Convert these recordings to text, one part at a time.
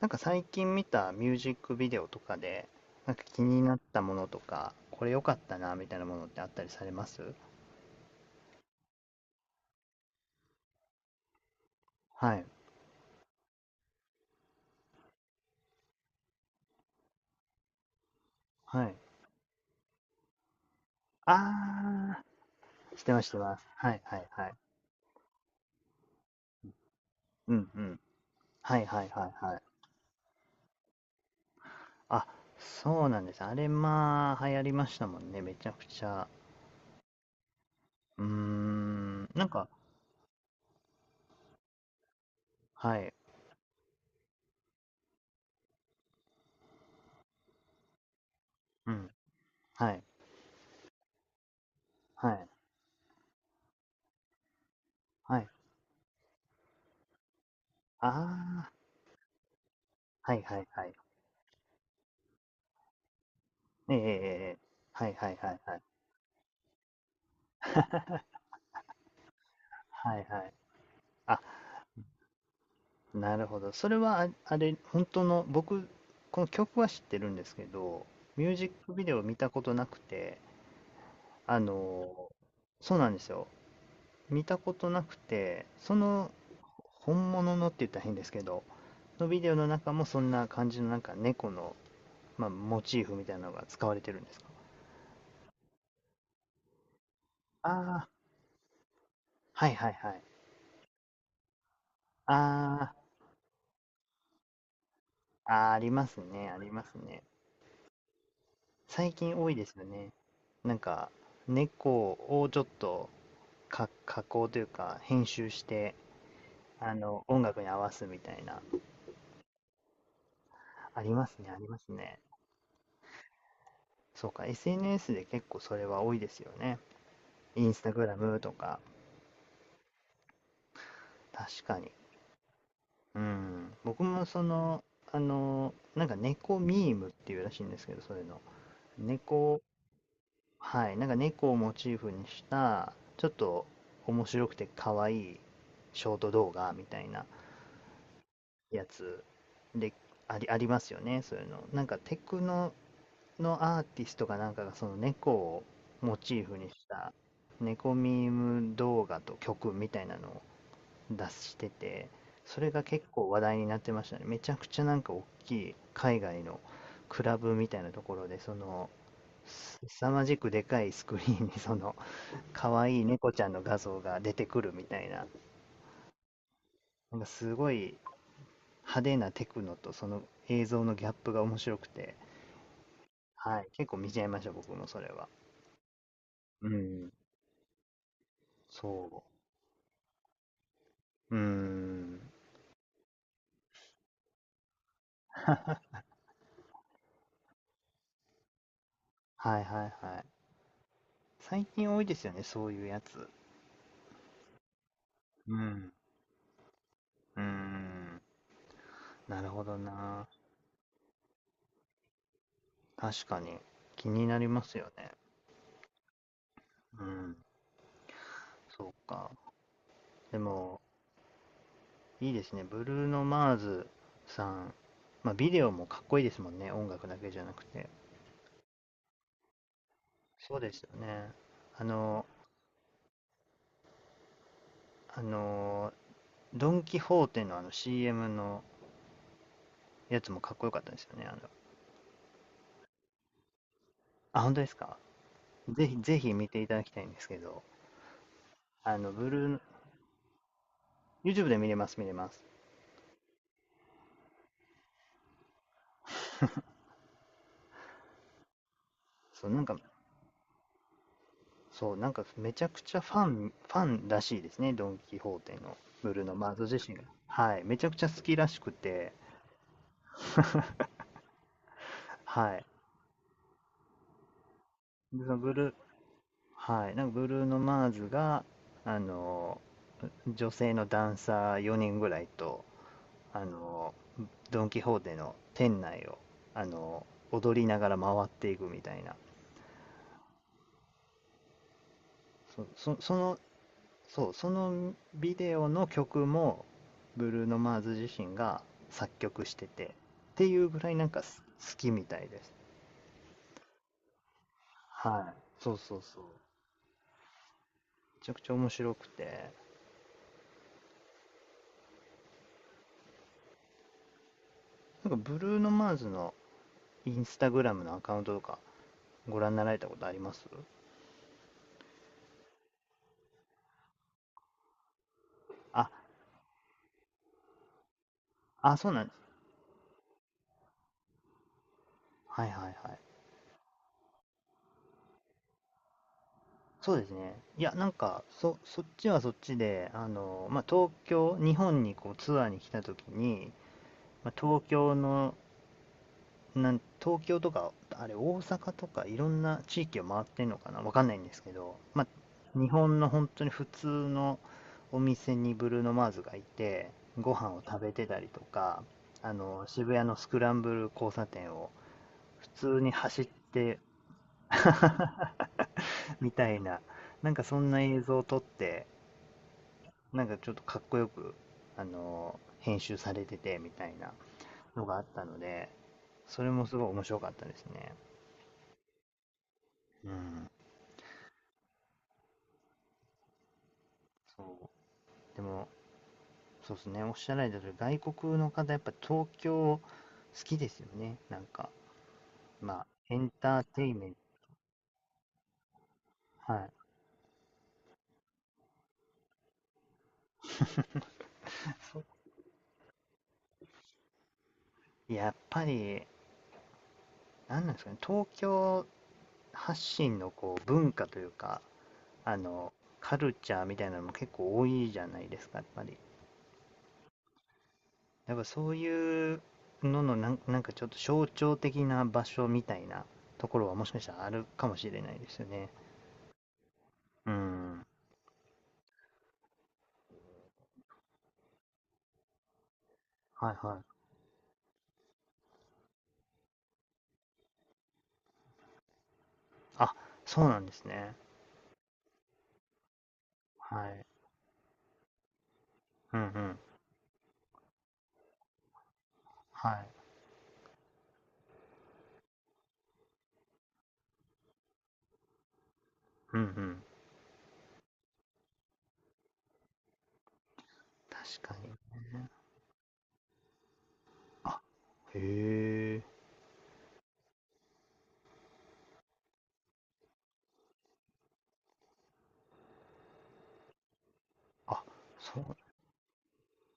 なんか最近見たミュージックビデオとかで、なんか気になったものとか、これ良かったなみたいなものってあったりされます？はい、はい。あー、してます、してます。はい、はい、はい。うん、うん。はい、はい、はい、はい。あ、そうなんです。あれ、まあ、流行りましたもんね、めちゃくちゃ。うーん、なんか、はい、うん、はい、はい、はい。あー、はい、はい、はい。ええ、ええ、ええ。はい、はい、はい、はい。はいはい。あ、なるほど。それは、あ、あれ、本当の、僕、この曲は知ってるんですけど、ミュージックビデオ見たことなくて、あの、そうなんですよ。見たことなくて、その、本物のって言ったら変ですけど、のビデオの中もそんな感じの、なんか猫の、まあ、モチーフみたいなのが使われてるんですか？ああー、はいはいはい。あああー、ありますね、ありますね。最近多いですよね。なんか、猫をちょっと、加工というか、編集して、音楽に合わすみたいな。ありますね、ありますね。そうか、SNS で結構それは多いですよね。インスタグラムとか、確かに。うん。僕もその、なんか猫ミームっていうらしいんですけど、それの。猫、はい、なんか猫をモチーフにした、ちょっと面白くて可愛いショート動画みたいなやつで、ありますよね、そういうの。なんかテクノのアーティストかなんかがその猫をモチーフにした猫ミーム動画と曲みたいなのを出してて、それが結構話題になってましたね。めちゃくちゃなんか大きい海外のクラブみたいなところでその凄まじくでかいスクリーンにその可愛い猫ちゃんの画像が出てくるみたいな、なんかすごい派手なテクノとその映像のギャップが面白くて、はい、結構見ちゃいました僕もそれは。うん、そう。うーん。はいはいはい。最近多いですよね、そういうやつ。うん。うーん。なるほどな。確かに。気になりますよね。うん。そうか。でも、いいですね。ブルーノ・マーズさん。まあ、ビデオもかっこいいですもんね。音楽だけじゃなくて。そうですよね。あの、あの、ドン・キホーテのあの CM のやつもかっこよかったですよね。あ、本当ですか？ぜひ、ぜひ見ていただきたいんですけど。あの、ブルーの、YouTube で見れます、見れます。そう、なんか、そう、なんかめちゃくちゃファンらしいですね、ドン・キホーテのブルーノ・マーズ自身が。はい、めちゃくちゃ好きらしくて、はい。でそのブルー、はい、なんかブルーノ・マーズが、あの、女性のダンサー4人ぐらいと、あの、ドン・キホーテの店内を、あの、踊りながら回っていくみたいな。そ、そ、そのそう、そのビデオの曲も、ブルーノ・マーズ自身が作曲してて、っていうぐらいなんか好きみたいです。はい。そうそうそう。めちゃくちゃ面白くて、なんかブルーノ・マーズのインスタグラムのアカウントとかご覧になられたことあります？あ、あ、そうなんです。はいはいはい。そうですね。いや、なんか、そっちはそっちで、まあ、東京、日本にこうツアーに来た時に、まあ、東京の東京とか、あれ、大阪とか、いろんな地域を回ってんのかなわかんないんですけど、まあ、日本の本当に普通のお店にブルーノ・マーズがいて、ご飯を食べてたりとか、渋谷のスクランブル交差点を普通に走って みたいな、なんかそんな映像を撮って、なんかちょっとかっこよく、編集されててみたいなのがあったので、それもすごい面白かったですね。うん。そう。でも、そうですね。おっしゃられた通り、外国の方、やっぱ東京好きですよね。なんか、まあ、エンターテインメント。はい。そう。やっぱり、なんなんですかね。東京発信のこう文化というか、あの、カルチャーみたいなのも結構多いじゃないですか、やっぱり。やっぱそういうののなんかちょっと象徴的な場所みたいなところはもしかしたらあるかもしれないですよね。うん。はいはい。あ、そうなんですね。はい。うんうん。はい。うんうん。確かに。あ、へえ。あ、そう。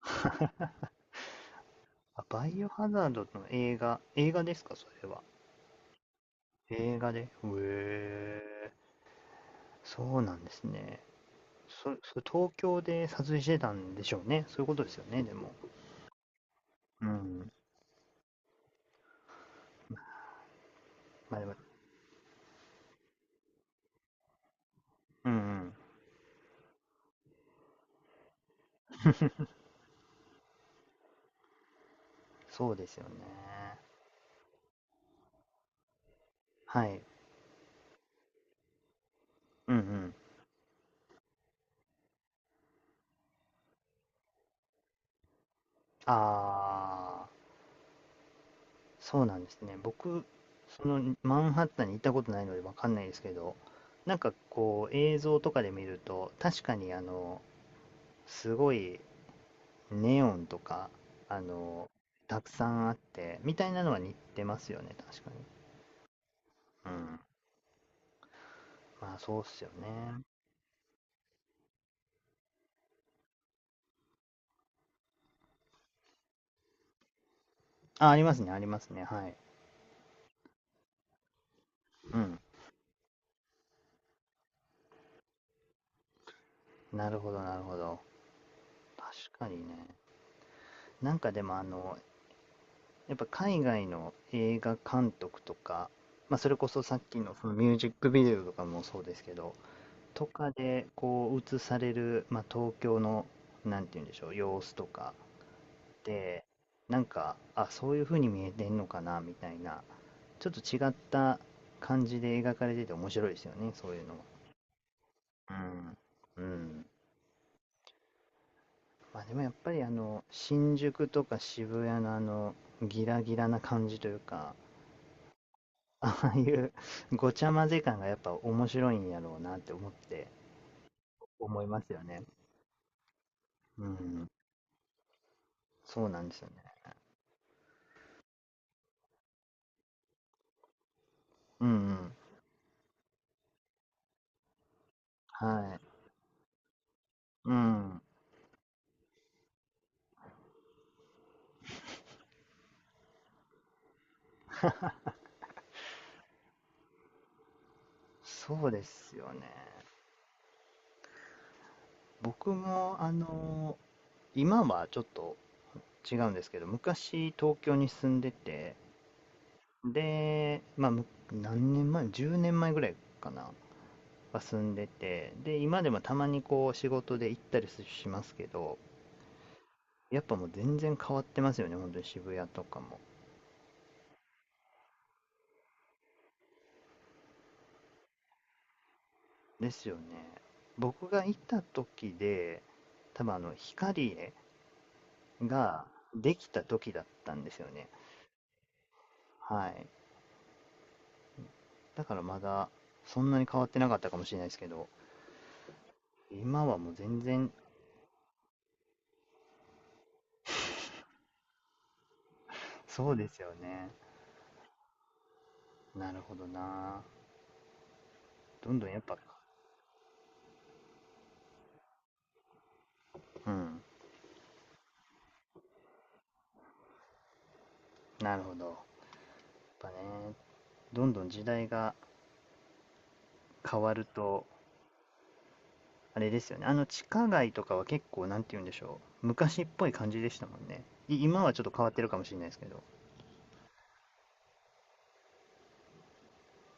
あ、バイオハザードの映画ですか、それは。映画で。へえ。そうなんですね。それ東京で撮影してたんでしょうね。そういうことですよね、でも。うん。まあでも、うんうん。そうですよね。はい。うんうん。ああ。そうなんですね。僕、そのマンハッタンに行ったことないのでわかんないですけど、なんかこう映像とかで見ると、確かにすごいネオンとか、あの、たくさんあって、みたいなのは似てますよね、確かに。うん。まあそうっすよね。あ、ありますね、ありますね。はい。うん。なるほど、なるほど。確かにね。なんかでもやっぱ海外の映画監督とか、まあ、それこそさっきのそのミュージックビデオとかもそうですけど、とかでこう映される、まあ、東京の、なんて言うんでしょう、様子とかで、なんか、あ、そういう風に見えてんのかなみたいな、ちょっと違った感じで描かれてて面白いですよね、そういうのは。うん。うん。まあでもやっぱり新宿とか渋谷のあの、ギラギラな感じというか、ああいうごちゃ混ぜ感がやっぱ面白いんやろうなって思いますよね。うん、そうなんですよね。うんうん。はい。うん。そうですよね。僕も、今はちょっと違うんですけど、昔東京に住んでて、で、まあ、何年前？ 10 年前ぐらいかなは住んでて、で、今でもたまにこう仕事で行ったりしますけど、やっぱもう全然変わってますよね、本当に渋谷とかも。ですよね。僕がいた時で、多分光ができた時だったんですよね。はい。だからまだ、そんなに変わってなかったかもしれないですけど、今はもう全然、そうですよね。なるほどな。どんどんやっぱ、うん。なるほど。やっぱね、どんどん時代が変わると、あれですよね。あの地下街とかは結構、なんて言うんでしょう。昔っぽい感じでしたもんね。今はちょっと変わってるかもしれないですけど。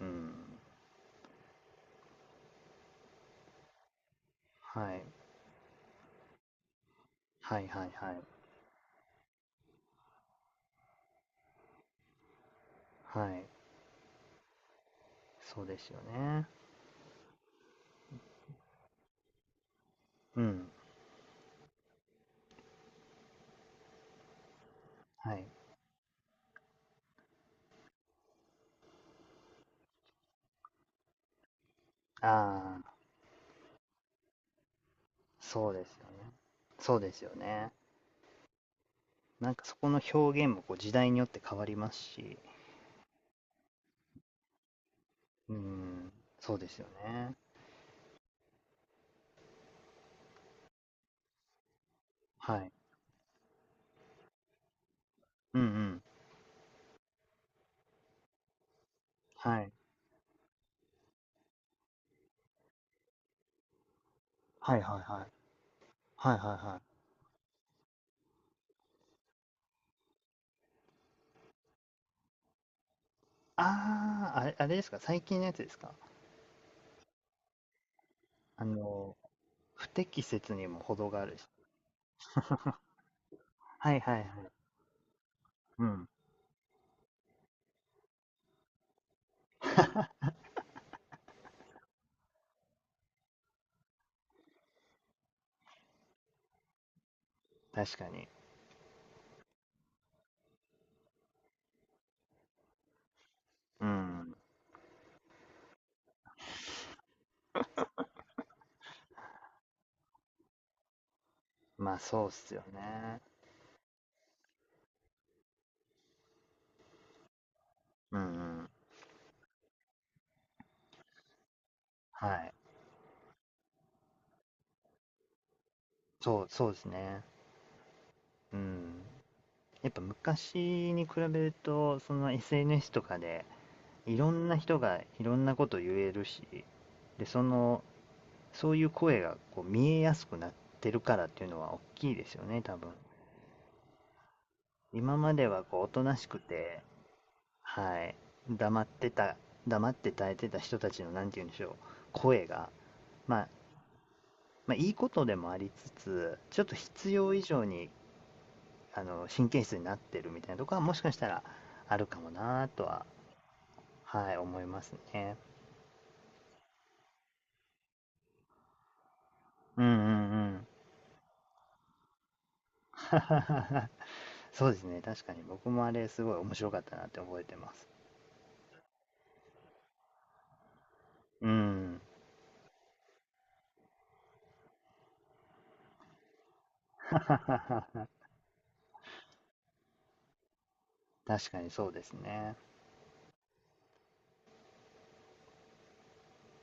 うん。はい。はいはいはい。はい。そうですよね。うん。はい。ああ、そうですよね。そうですよね。なんかそこの表現もこう時代によって変わりますし、うーん、そうですよね。はい。うんうん。はい。はいはいはい。はいはいはい。ああ、あれですか、最近のやつですか。あの、不適切にも程があるし。はいはいはい。うん。確かに。うん。まあそうっすよね。うんうん。はい。そう、そうですね。うん。やっぱ昔に比べると、その SNS とかで、いろんな人がいろんなこと言えるし、で、その、そういう声がこう見えやすくなってるからっていうのは大きいですよね、多分。今まではこうおとなしくて、はい、黙ってた、黙って耐えてた人たちの、なんて言うんでしょう、声が、まあ、まあ、いいことでもありつつ、ちょっと必要以上に神経質になってるみたいなとこはもしかしたらあるかもなとは、はい、思いますね。うんうんうん。そうですね、確かに僕もあれすごい面白かったなって覚えてます。うん。確かにそうですね。